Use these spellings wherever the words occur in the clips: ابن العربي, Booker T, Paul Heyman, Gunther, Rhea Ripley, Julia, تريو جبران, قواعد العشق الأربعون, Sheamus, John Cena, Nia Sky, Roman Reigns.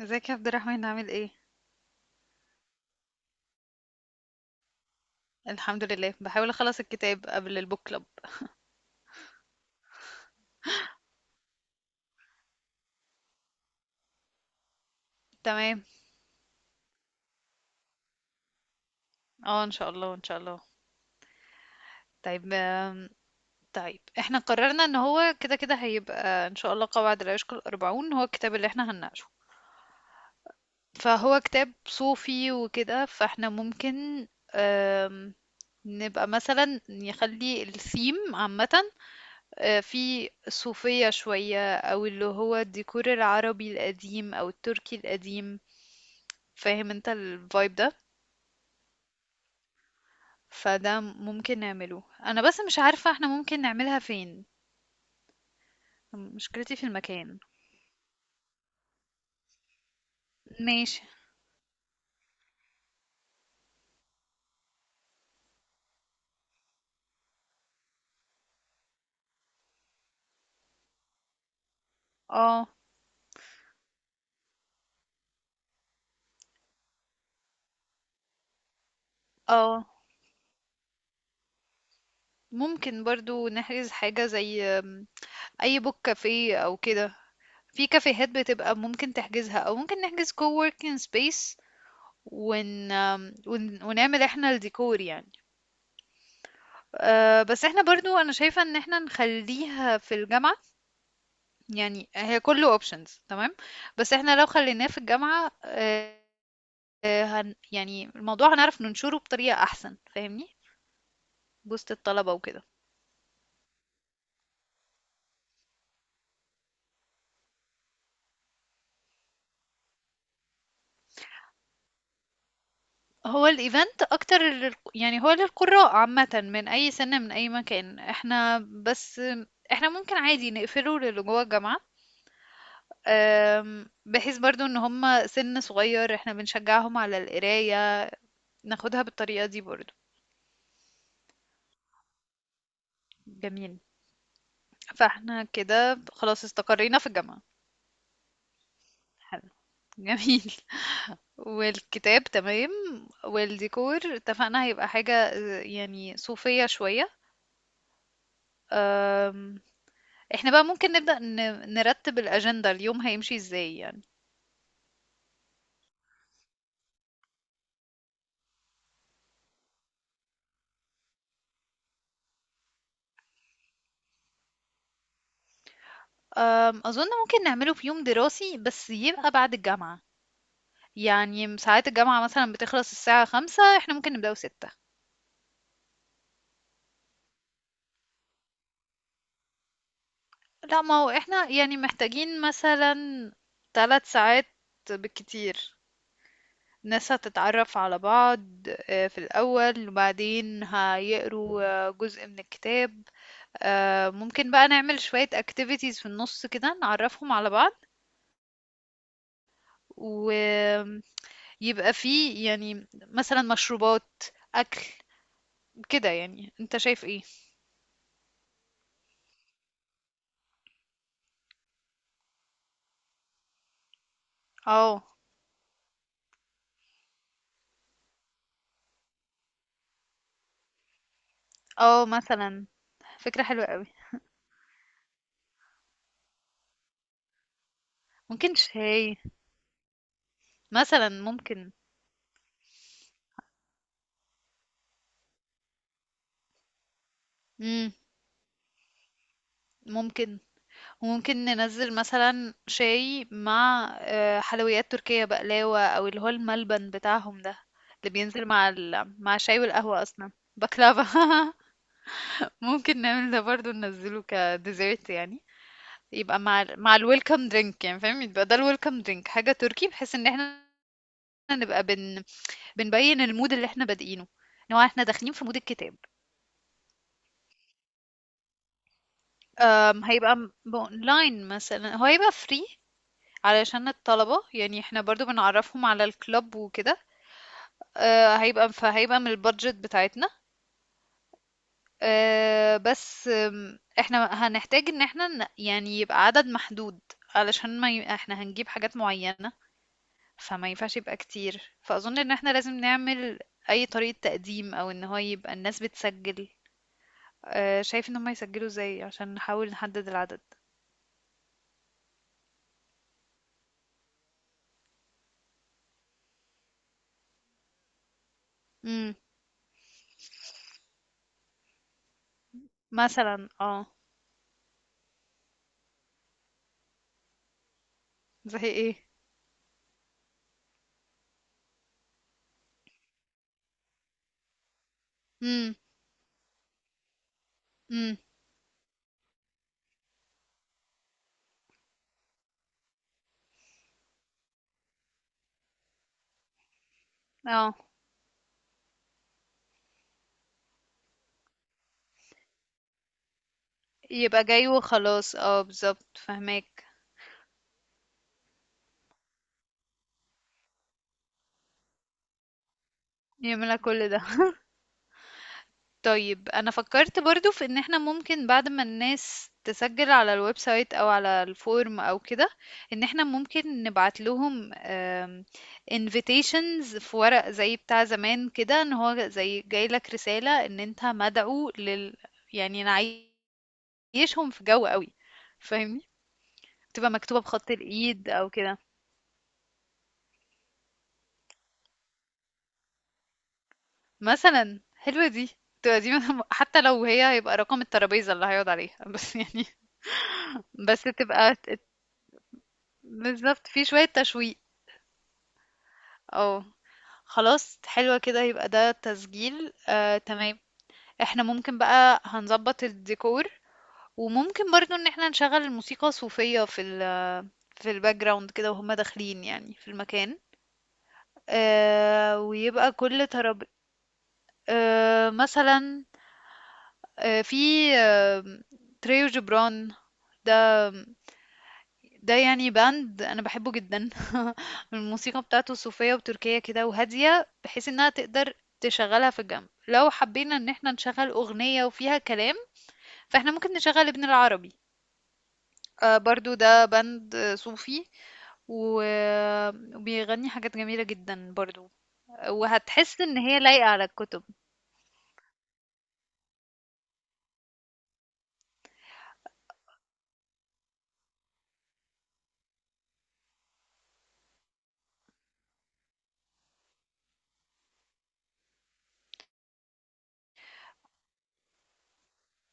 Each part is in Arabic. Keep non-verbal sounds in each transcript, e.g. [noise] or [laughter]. ازيك يا عبد الرحمن عامل ايه؟ الحمد لله، بحاول اخلص الكتاب قبل البوك كلوب. تمام. اه، ان شاء الله ان شاء الله. طيب. طيب، احنا قررنا ان هو كده كده هيبقى ان شاء الله قواعد لا يشكل الاربعون هو الكتاب اللي احنا هنناقشه. فهو كتاب صوفي وكده، فاحنا ممكن آم، نبقى مثلا نخلي الثيم عامة. في الصوفية شوية، أو اللي هو الديكور العربي القديم أو التركي القديم. فاهم انت الفايب ده؟ فده ممكن نعمله، انا بس مش عارفة احنا ممكن نعملها فين. مشكلتي في المكان. ماشي. اه. اه، ممكن برضو نحجز حاجة زي اي بوك كافيه او كده. في كافيهات بتبقى ممكن تحجزها، او ممكن نحجز كووركينج سبيس. ونعمل احنا الديكور يعني. بس احنا برضو، انا شايفة ان احنا نخليها في الجامعة. يعني هي كله options، تمام. بس احنا لو خليناه في الجامعة، يعني الموضوع هنعرف ننشره بطريقة أحسن، فاهمني؟ وسط الطلبة وكده. هو الإيفنت أكتر يعني هو للقراء عامة، من أي سنة من أي مكان. احنا بس احنا ممكن عادي نقفله للي جوه الجامعة. بحيث برضو ان هم سن صغير، احنا بنشجعهم على القراية. ناخدها بالطريقة دي برضو. جميل. فاحنا كده خلاص استقرينا في الجامعة. حلو. جميل. والكتاب تمام. والديكور اتفقنا هيبقى حاجة يعني صوفية شوية. أم، احنا بقى ممكن نبدأ نرتب الأجندة، اليوم هيمشي ازاي يعني؟ أظن ممكن نعمله في يوم دراسي، بس يبقى بعد الجامعة. يعني ساعات الجامعة مثلا بتخلص الساعة 5، احنا ممكن نبدأه 6. لا، ما هو احنا يعني محتاجين مثلا 3 ساعات بالكتير. ناس هتتعرف على بعض في الأول، وبعدين هيقروا جزء من الكتاب. ممكن بقى نعمل شوية activities في النص كده، نعرفهم على بعض. ويبقى فيه يعني مثلا مشروبات، أكل، كده. يعني انت شايف ايه؟ اه. اه مثلا. فكرة حلوة قوي. ممكن شاي مثلا. ممكن. مم. ممكن. وممكن ننزل مثلا شاي مع حلويات تركية، بقلاوة، او اللي هو الملبن بتاعهم ده، اللي بينزل مع مع الشاي والقهوة اصلا. بكلافة [laughs] ممكن نعمل ده برضو، ننزله كديزرت يعني. يبقى مع مع الويلكم درينك يعني، فاهم؟ يبقى ده الويلكم درينك حاجة تركي، بحيث ان احنا نبقى بنبين المود اللي احنا بادئينه، ان هو احنا داخلين في مود الكتاب. هيبقى اونلاين، مثلا هو هيبقى فري. علشان الطلبة، يعني احنا برضو بنعرفهم على الكلاب وكده. فهيبقى من البادجت بتاعتنا. آه، بس آم، احنا هنحتاج ان احنا يعني يبقى عدد محدود. علشان ما احنا هنجيب حاجات معينة. فما ينفعش يبقى كتير، فأظن ان احنا لازم نعمل اي طريقة تقديم، او ان هو يبقى الناس بتسجل. شايف ان هم يسجلوا ازاي عشان نحاول نحدد العدد؟ امم. مثلا اه. زي ايه؟ امم. امم. اه، يبقى جاي وخلاص، اه بالظبط، فهماك. يملى كل ده [laughs] طيب، انا فكرت برضو في ان احنا ممكن بعد ما الناس تسجل على الويب سايت، او على الفورم او كده، ان احنا ممكن نبعت لهم invitations في ورق زي بتاع زمان كده، ان هو زي جاي لك رسالة ان انت مدعو يعني نعيشهم في جو قوي، فاهمني؟ تبقى مكتوبة بخط الايد او كده. مثلا حلوة دي. تبقى دي حتى لو هي هيبقى رقم الترابيزة اللي هيقعد عليها [laughs] بس يعني. بس تبقى بالظبط، في شوية تشويق. اه، خلاص حلوة كده. يبقى ده تسجيل، تمام. احنا ممكن بقى هنظبط الديكور. وممكن برضو ان احنا نشغل الموسيقى صوفية في في الباك جراوند كده، وهم داخلين يعني في المكان. ويبقى كل ترابيزة مثلا. آه، في آه، تريو جبران، ده ده يعني باند انا بحبه جدا [laughs] الموسيقى بتاعته صوفية وتركية كده وهادية، بحيث انها تقدر تشغلها في الجنب. لو حبينا ان احنا نشغل اغنية وفيها كلام، فاحنا ممكن نشغل ابن العربي. برضو ده باند صوفي، و- وبيغني حاجات جميلة جدا برضو. وهتحس ان هي لايقة على الكتب.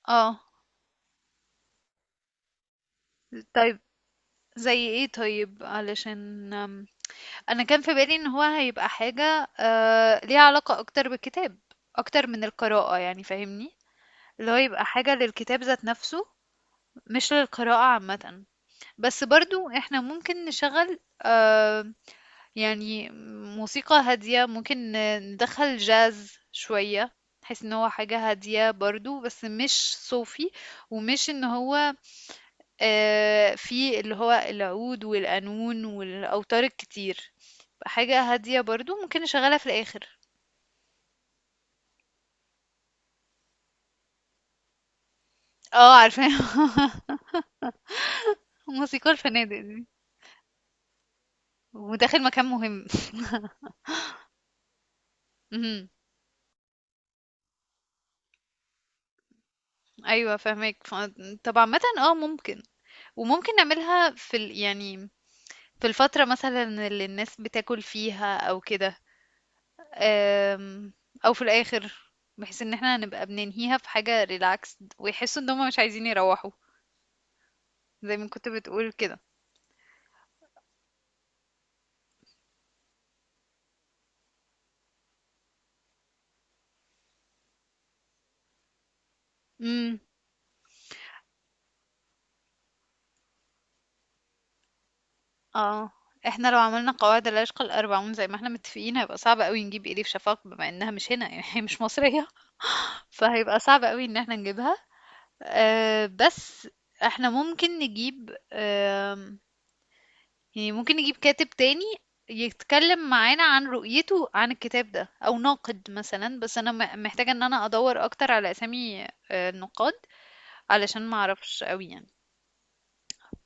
اه. طيب، زي ايه؟ طيب علشان، أنا كان في بالي إن هو هيبقى حاجة ليها علاقة أكتر بالكتاب، أكتر من القراءة يعني، فاهمني؟ اللي هو يبقى حاجة للكتاب ذات نفسه، مش للقراءة عامة. بس برضو احنا ممكن نشغل يعني موسيقى هادية. ممكن ندخل جاز شوية، بحيث ان هو حاجة هادية برضو، بس مش صوفي. ومش ان هو في اللي هو العود والقانون والأوتار الكتير، حاجة هادية برضه ممكن نشغّلها في الآخر. عارفاها. [laughs] موسيقى الفنادق دي، وداخل مكان مهم. اهم، أيوه فاهماك. طب عامةً ممكن. وممكن نعملها في يعني في الفترة مثلًا اللي الناس بتاكل فيها أو كده، آمم، أو في الآخر، بحيث إن إحنا هنبقى بننهيها في حاجة relaxed، ويحسّوا إن هُم مش عايزين يروّحوا، زي ما كنت بتقول كده. إمم. اه. احنا لو عملنا قواعد العشق الأربعون زي ما احنا متفقين، هيبقى صعب قوي نجيب إليف شفاق بما انها مش هنا يعني [laughs] هي مش مصرية. فهيبقى صعب قوي ان احنا نجيبها. بس احنا ممكن نجيب يعني ممكن نجيب كاتب تاني يتكلم معانا عن رؤيته عن الكتاب ده، او ناقد مثلا. بس انا محتاجة ان انا ادور اكتر على اسامي النقاد، علشان ما اعرفش قوي يعني.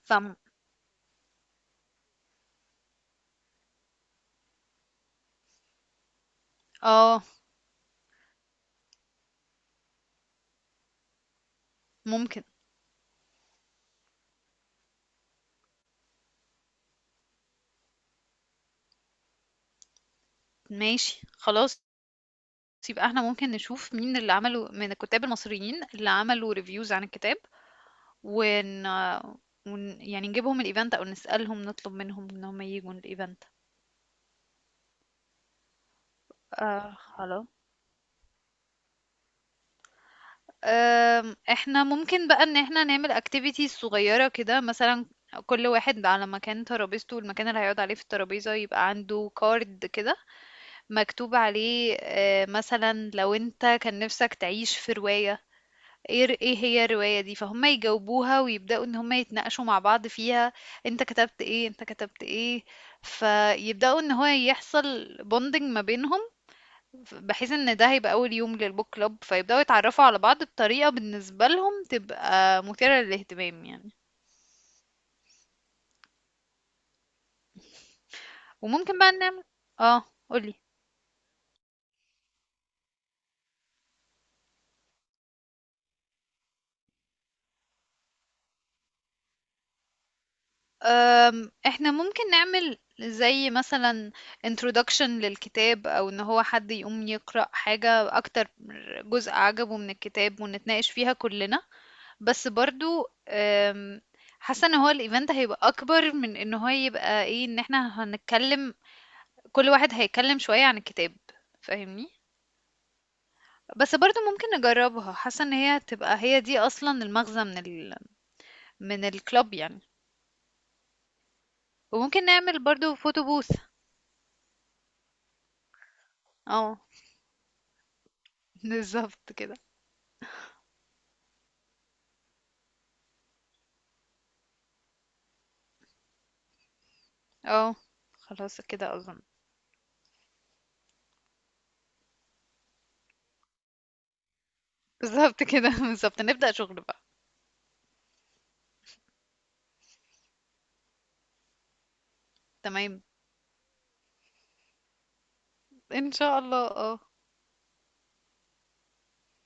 فم اه. ممكن. ماشي، خلاص. بُصّي بقى، إحنا ممكن نشوف مين اللي عملوا، من الكُتّاب المصريين اللي عملوا reviews عن الكتاب، ون ون يعني نجيبهم الevent أو نسألهم، نطلب منهم إن هم ييجوا الevent. آه خلا آمم، إحنا ممكن بقى إن إحنا نعمل activities صغيرة كده، مثلًا كل واحد على مكان ترابيزته، المكان اللي هيقعد عليه في الترابيزة يبقى عنده card كده، مكتوب عليه مثلًا لو أنت كان نِفْسك تعيش في رواية، إيه هي الرواية دي؟ فهم يجاوبوها ويبدأوا ان هم يتناقشوا مع بعض فيها. انت كتبت ايه، انت كتبت ايه؟ فيبدأوا ان هو يحصل بوندنج ما بينهم. بحيث ان ده هيبقى اول يوم للبوك كلوب، فيبدأوا يتعرفوا على بعض بطريقة بالنسبة لهم تبقى مثيرة للاهتمام يعني. وممكن بقى نعمل. اه. قولي. احنا ممكن نعمل زي مثلا introduction للكتاب، او ان هو حد يقوم يقرأ حاجة، اكتر جزء عجبه من الكتاب، ونتناقش فيها كلنا. بس برضو حاسة ان هو الايفنت هيبقى اكبر من ان هو يبقى ايه، ان احنا هنتكلم كل واحد هيتكلم شوية عن الكتاب، فاهمني؟ بس برضو ممكن نجربها. حاسة ان هي هتبقى هي دي اصلا المغزى من من الكلاب يعني. وممكن نعمل برضو فوتو بوث. اه. [laughs] بالظبط كده. اه. خلاص كده، اظن. بالظبط كده [laughs] بالظبط، نبدأ شغل بقى. تمام. ان شاء الله، اه.